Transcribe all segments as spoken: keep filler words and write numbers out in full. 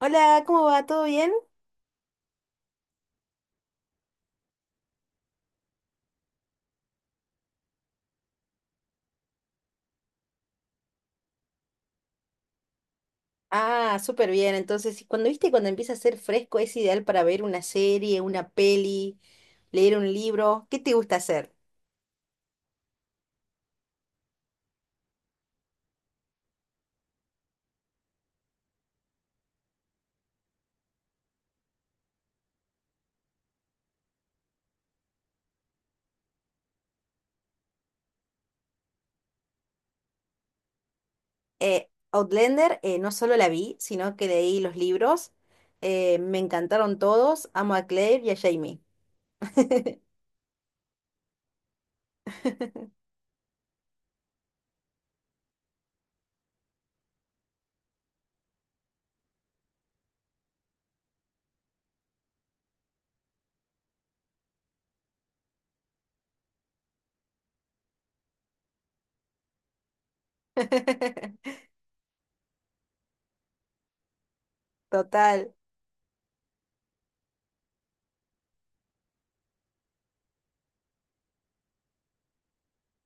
Hola, ¿cómo va? ¿Todo bien? Ah, súper bien. Entonces, y cuando viste, cuando empieza a ser fresco, es ideal para ver una serie, una peli, leer un libro. ¿Qué te gusta hacer? Eh, Outlander, eh, no solo la vi, sino que leí los libros. Eh, me encantaron todos. Amo a Claire y a Jamie. Total.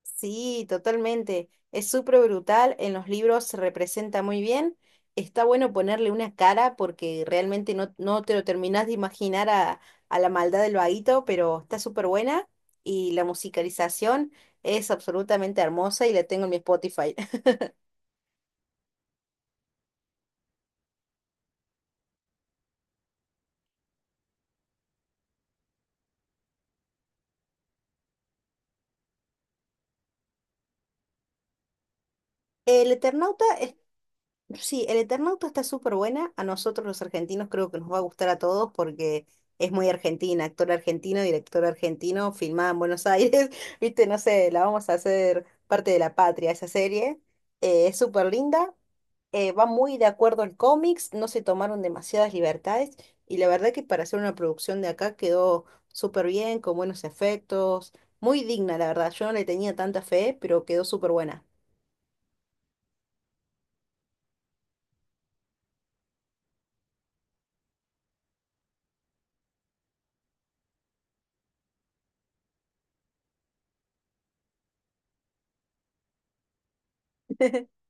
Sí, totalmente. Es súper brutal. En los libros se representa muy bien. Está bueno ponerle una cara porque realmente no, no te lo terminás de imaginar a, a la maldad del vaguito, pero está súper buena. Y la musicalización es absolutamente hermosa y la tengo en mi Spotify. El Eternauta. Sí, el Eternauta está súper buena. A nosotros los argentinos creo que nos va a gustar a todos porque es muy argentina, actor argentino, director argentino, filmada en Buenos Aires. Viste, no sé, la vamos a hacer parte de la patria esa serie. Eh, es súper linda, eh, va muy de acuerdo al cómics, no se tomaron demasiadas libertades y la verdad que para hacer una producción de acá quedó súper bien, con buenos efectos, muy digna, la verdad. Yo no le tenía tanta fe, pero quedó súper buena.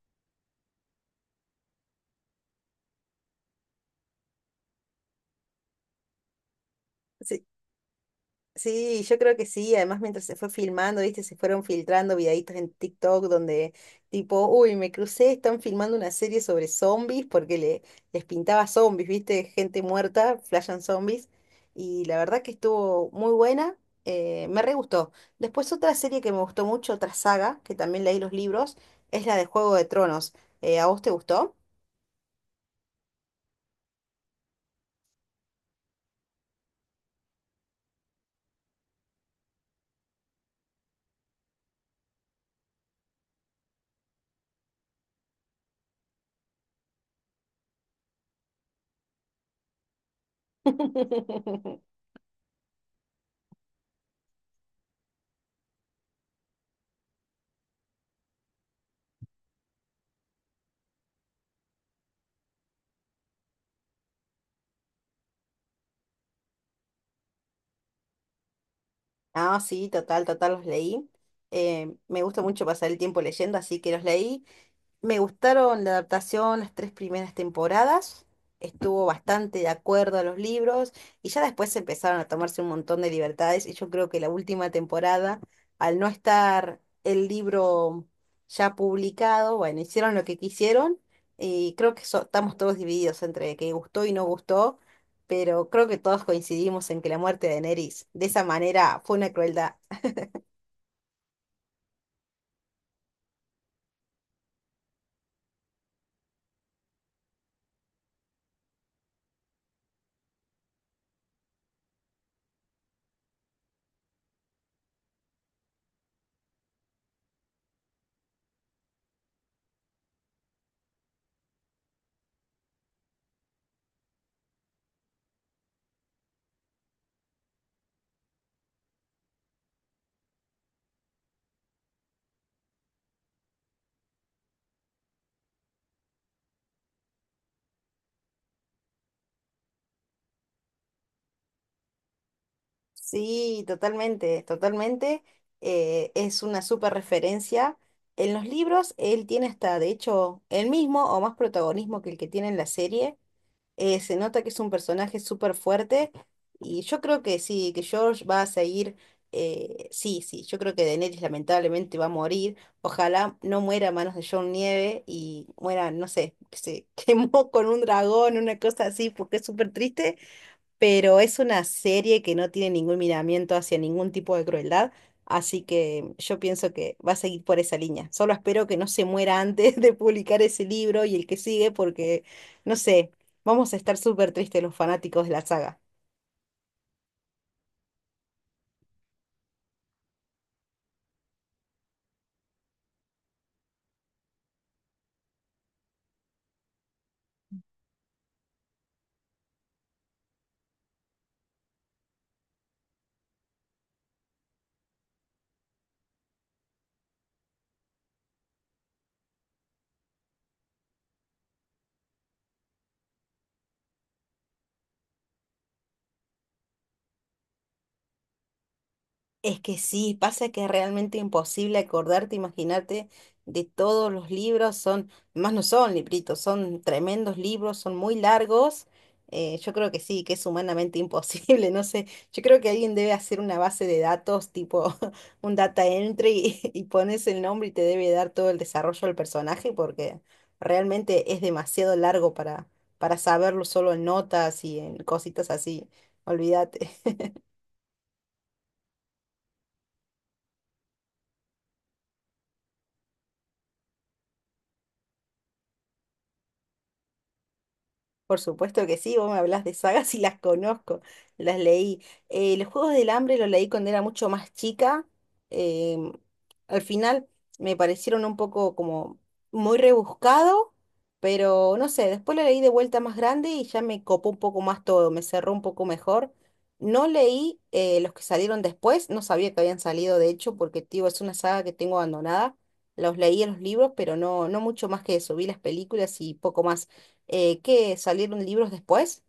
Sí, yo creo que sí. Además, mientras se fue filmando, viste, se fueron filtrando videitos en TikTok donde tipo, uy, me crucé, están filmando una serie sobre zombies porque le, les pintaba zombies, viste, gente muerta, flashan zombies. Y la verdad que estuvo muy buena, eh, me re gustó. Después otra serie que me gustó mucho, otra saga, que también leí los libros, es la de Juego de Tronos. Eh, ¿a vos te gustó? Ah, sí, total, total, los leí. Eh, me gusta mucho pasar el tiempo leyendo, así que los leí. Me gustaron la adaptación, las tres primeras temporadas, estuvo bastante de acuerdo a los libros y ya después empezaron a tomarse un montón de libertades y yo creo que la última temporada, al no estar el libro ya publicado, bueno, hicieron lo que quisieron y creo que so- estamos todos divididos entre que gustó y no gustó, pero creo que todos coincidimos en que la muerte de Daenerys de esa manera fue una crueldad. Sí, totalmente, totalmente. eh, es una súper referencia. En los libros él tiene hasta, de hecho, el mismo o más protagonismo que el que tiene en la serie. eh, se nota que es un personaje súper fuerte y yo creo que sí, que George va a seguir, eh, sí, sí, yo creo que Daenerys lamentablemente va a morir. Ojalá no muera a manos de Jon Nieve y muera, no sé, que se quemó con un dragón, una cosa así, porque es súper triste, pero es una serie que no tiene ningún miramiento hacia ningún tipo de crueldad, así que yo pienso que va a seguir por esa línea. Solo espero que no se muera antes de publicar ese libro y el que sigue, porque, no sé, vamos a estar súper tristes los fanáticos de la saga. Es que sí, pasa que es realmente imposible acordarte, imaginarte de todos los libros, son, más no son libritos, son tremendos libros, son muy largos. eh, yo creo que sí, que es humanamente imposible, no sé, yo creo que alguien debe hacer una base de datos, tipo un data entry y, y pones el nombre y te debe dar todo el desarrollo del personaje porque realmente es demasiado largo para, para saberlo solo en notas y en cositas así, olvídate. Por supuesto que sí, vos me hablas de sagas y las conozco, las leí. Eh, los Juegos del Hambre los leí cuando era mucho más chica. em, al final me parecieron un poco como muy rebuscado, pero no sé, después lo leí de vuelta más grande y ya me copó un poco más todo, me cerró un poco mejor. No leí eh, los que salieron después, no sabía que habían salido de hecho, porque tío, es una saga que tengo abandonada. Los leí en los libros, pero no, no mucho más que eso. Vi las películas y poco más eh, que salieron libros después.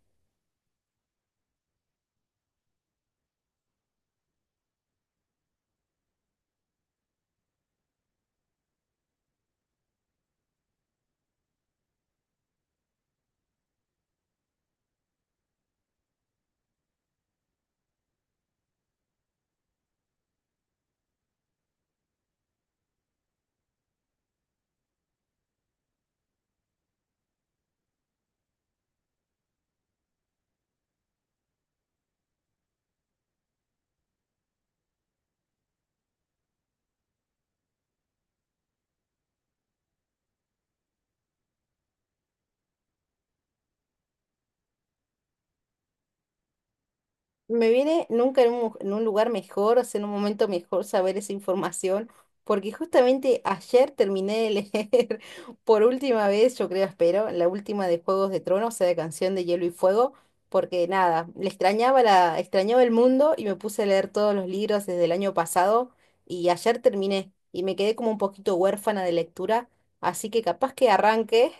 Me viene nunca en un, en un lugar mejor, o sea, en un momento mejor saber esa información, porque justamente ayer terminé de leer por última vez, yo creo, espero, la última de Juegos de Tronos, o sea, de Canción de Hielo y Fuego, porque nada, le extrañaba la, extrañaba el mundo y me puse a leer todos los libros desde el año pasado y ayer terminé y me quedé como un poquito huérfana de lectura, así que capaz que arranque.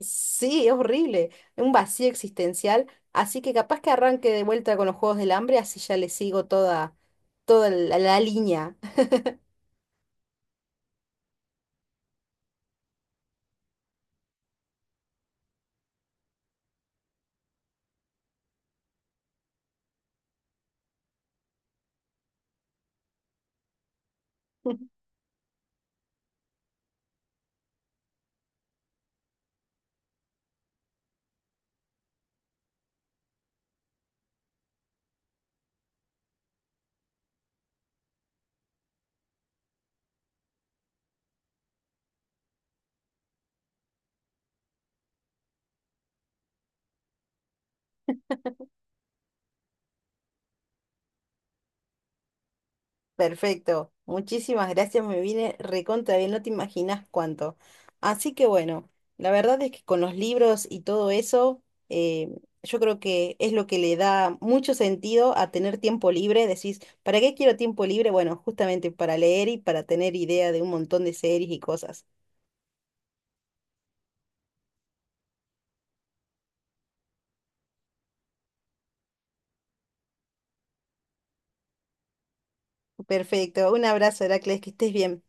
Sí, es horrible, un vacío existencial, así que capaz que arranque de vuelta con los Juegos del Hambre, así ya le sigo toda, toda la, la línea. Perfecto, muchísimas gracias, me viene recontra bien, no te imaginas cuánto. Así que bueno, la verdad es que con los libros y todo eso, eh, yo creo que es lo que le da mucho sentido a tener tiempo libre. Decís, ¿para qué quiero tiempo libre? Bueno, justamente para leer y para tener idea de un montón de series y cosas. Perfecto. Un abrazo, Heracles, que estés bien.